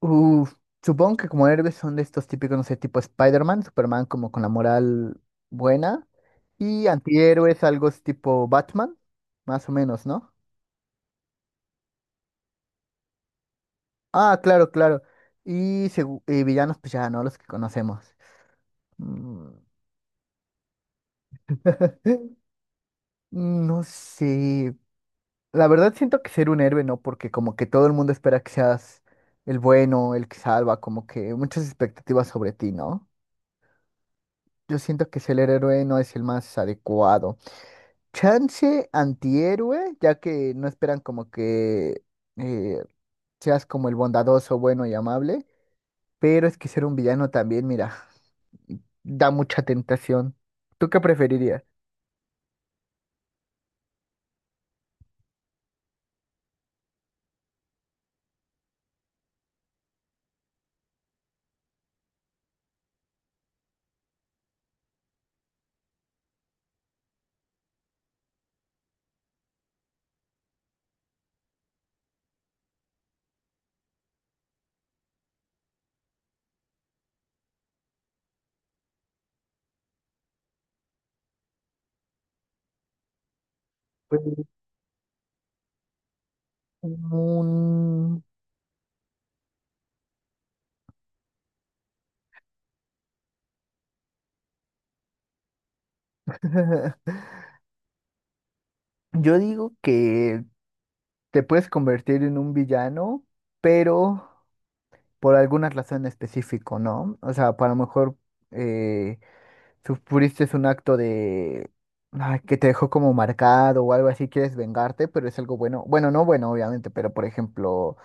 Uf, supongo que como héroes son de estos típicos, no sé, tipo Spider-Man, Superman como con la moral buena. Y antihéroes, algo es tipo Batman, más o menos, ¿no? Ah, claro, claro. Y, y villanos, pues ya, ¿no? Los que conocemos. Mm. No sé. La verdad siento que ser un héroe, ¿no? Porque como que todo el mundo espera que seas el bueno, el que salva, como que muchas expectativas sobre ti, ¿no? Yo siento que ser el héroe no es el más adecuado. Chance antihéroe, ya que no esperan como que eh, seas como el bondadoso, bueno y amable, pero es que ser un villano también, mira, da mucha tentación. ¿Tú qué preferirías? Pues, un- yo digo que te puedes convertir en un villano, pero por alguna razón específica, ¿no? O sea, para lo mejor sufriste un acto de ay, que te dejó como marcado o algo así, quieres vengarte, pero es algo bueno. Bueno, no bueno, obviamente, pero por ejemplo,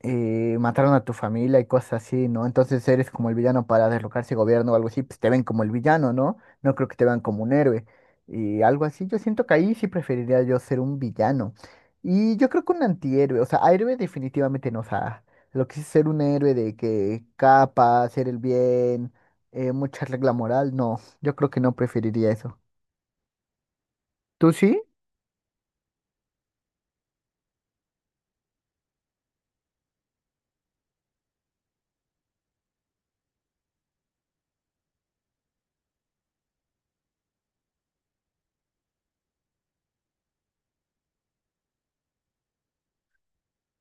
mataron a tu familia y cosas así, ¿no? Entonces eres como el villano para derrocar ese gobierno o algo así, pues te ven como el villano, ¿no? No creo que te vean como un héroe. Y algo así, yo siento que ahí sí preferiría yo ser un villano. Y yo creo que un antihéroe, o sea, a héroe definitivamente no, o sea, lo que sí es ser un héroe de que capa, hacer el bien, mucha regla moral, no, yo creo que no preferiría eso. ¿Tú sí?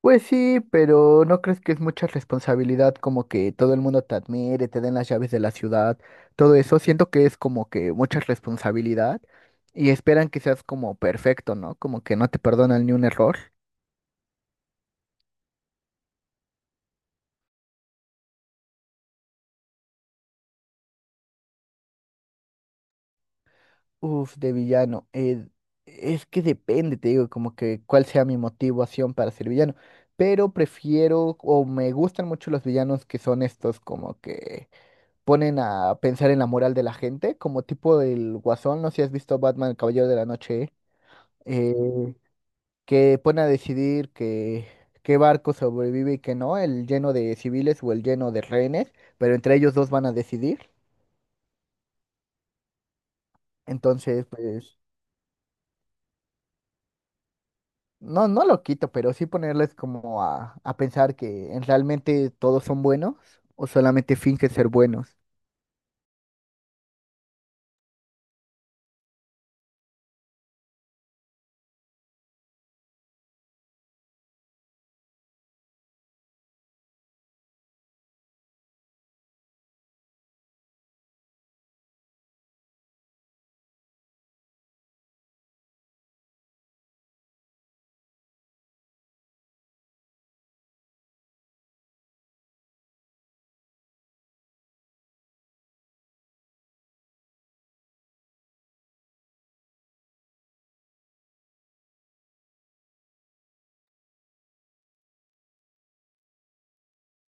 Pues sí, pero ¿no crees que es mucha responsabilidad como que todo el mundo te admire, te den las llaves de la ciudad, todo eso? Siento que es como que mucha responsabilidad y esperan que seas como perfecto, ¿no? Como que no te perdonan ni un error. Uf, de villano. Es que depende, te digo, como que cuál sea mi motivación para ser villano. Pero prefiero o me gustan mucho los villanos que son estos como que ponen a pensar en la moral de la gente, como tipo del Guasón, no sé si has visto Batman, el Caballero de la Noche, eh, que pone a decidir que qué barco sobrevive y qué no, el lleno de civiles o el lleno de rehenes, pero entre ellos dos van a decidir. Entonces, pues, no, no lo quito, pero sí ponerles como a pensar que en realmente todos son buenos o solamente fingen ser buenos.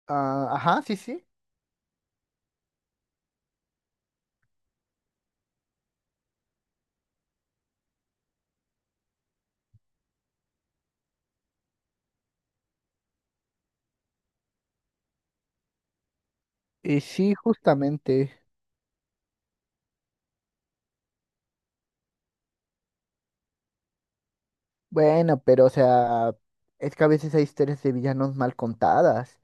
Ah, ajá, sí, sí. Y sí, justamente. Bueno, pero o sea, es que a veces hay historias de villanos mal contadas,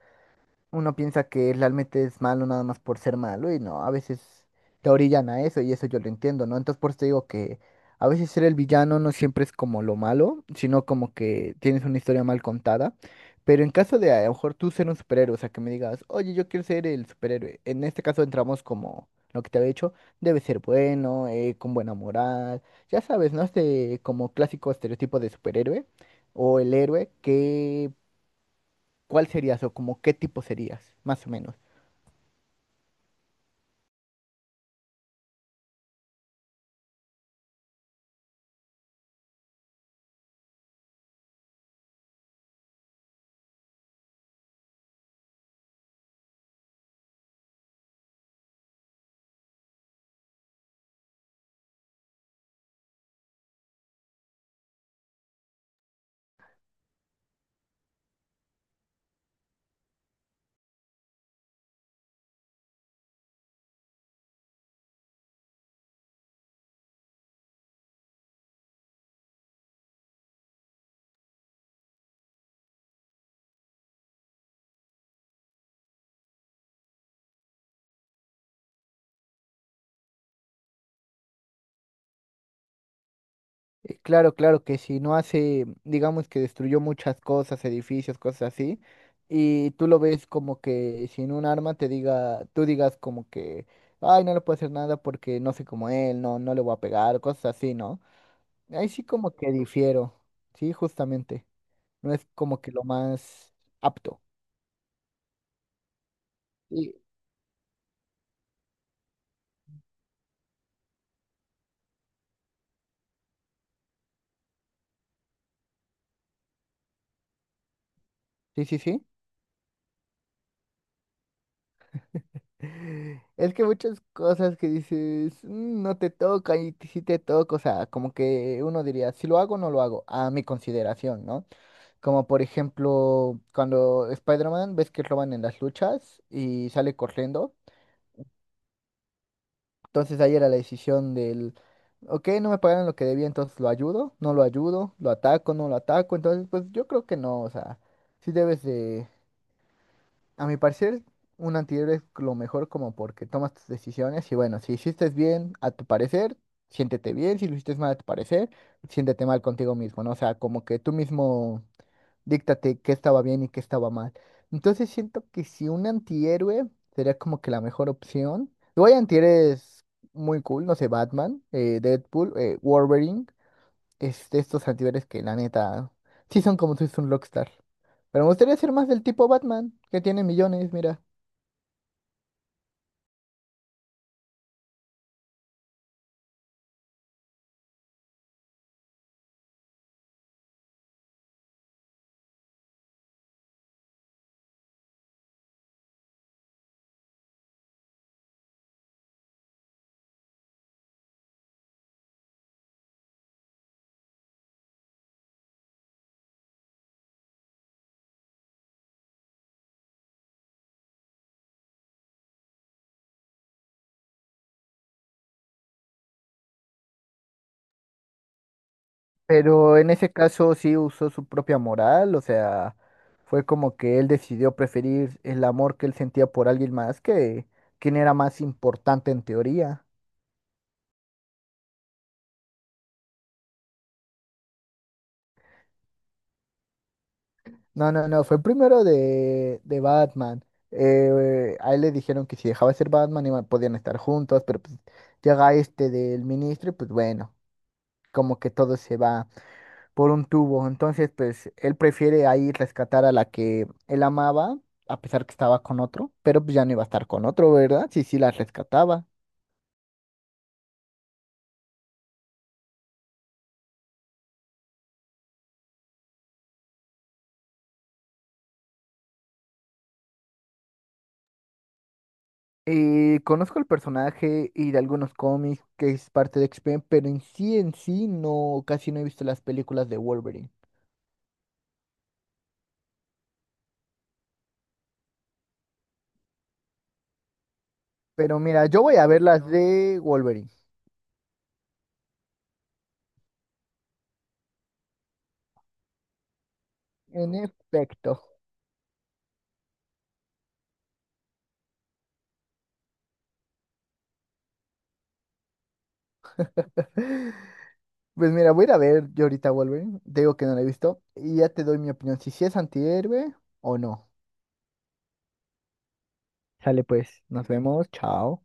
uno piensa que realmente es malo nada más por ser malo y no, a veces te orillan a eso y eso yo lo entiendo, ¿no? Entonces por eso te digo que a veces ser el villano no siempre es como lo malo, sino como que tienes una historia mal contada. Pero en caso de a lo mejor tú ser un superhéroe, o sea, que me digas, oye, yo quiero ser el superhéroe. En este caso entramos como lo que te había dicho, debe ser bueno, con buena moral, ya sabes, ¿no? Este como clásico estereotipo de superhéroe o el héroe que ¿cuál serías o como qué tipo serías, más o menos? Claro, claro que si no hace, digamos que destruyó muchas cosas, edificios, cosas así, y tú lo ves como que sin un arma te diga, tú digas como que, ay, no le puedo hacer nada porque no sé como él, no, no le voy a pegar, cosas así, ¿no? Ahí sí como que difiero, sí, justamente. No es como que lo más apto. Sí, sí, sí. Sí. Es que muchas cosas que dices, "Mm, no te toca y si te toca", o sea, como que uno diría, si lo hago o no lo hago, a mi consideración, ¿no? Como por ejemplo, cuando Spider-Man ves que roban en las luchas y sale corriendo, entonces ahí era la decisión del, ok, no me pagaron lo que debía, entonces lo ayudo, no lo ayudo, lo ataco, no lo ataco, entonces pues yo creo que no, o sea, sí debes de a mi parecer, un antihéroe es lo mejor como porque tomas tus decisiones y bueno, si hiciste bien a tu parecer, siéntete bien, si lo hiciste mal a tu parecer, siéntete mal contigo mismo, ¿no? O sea, como que tú mismo díctate qué estaba bien y qué estaba mal. Entonces siento que si un antihéroe sería como que la mejor opción. Luego hay antihéroes muy cool, no sé, Batman, Deadpool, Wolverine es de estos antihéroes que la neta sí son como si fuese un rockstar. Pero me gustaría ser más del tipo Batman, que tiene millones, mira. Pero en ese caso sí usó su propia moral, o sea, fue como que él decidió preferir el amor que él sentía por alguien más que quien era más importante en teoría. No, no, no, fue primero de Batman. A él le dijeron que si dejaba de ser Batman iban, podían estar juntos, pero pues llega este del ministro y pues bueno, como que todo se va por un tubo. Entonces, pues él prefiere ahí rescatar a la que él amaba, a pesar que estaba con otro, pero pues ya no iba a estar con otro, ¿verdad? Sí, sí, la rescataba. Y conozco el personaje y de algunos cómics que es parte de X-Men, pero en sí, no, casi no he visto las películas de Wolverine. Pero mira, yo voy a ver las de Wolverine, en efecto. Pues mira, voy a ir a ver yo ahorita Wolverine, te digo que no la he visto, y ya te doy mi opinión, si sí es antihéroe o no. Sale pues, nos vemos, chao.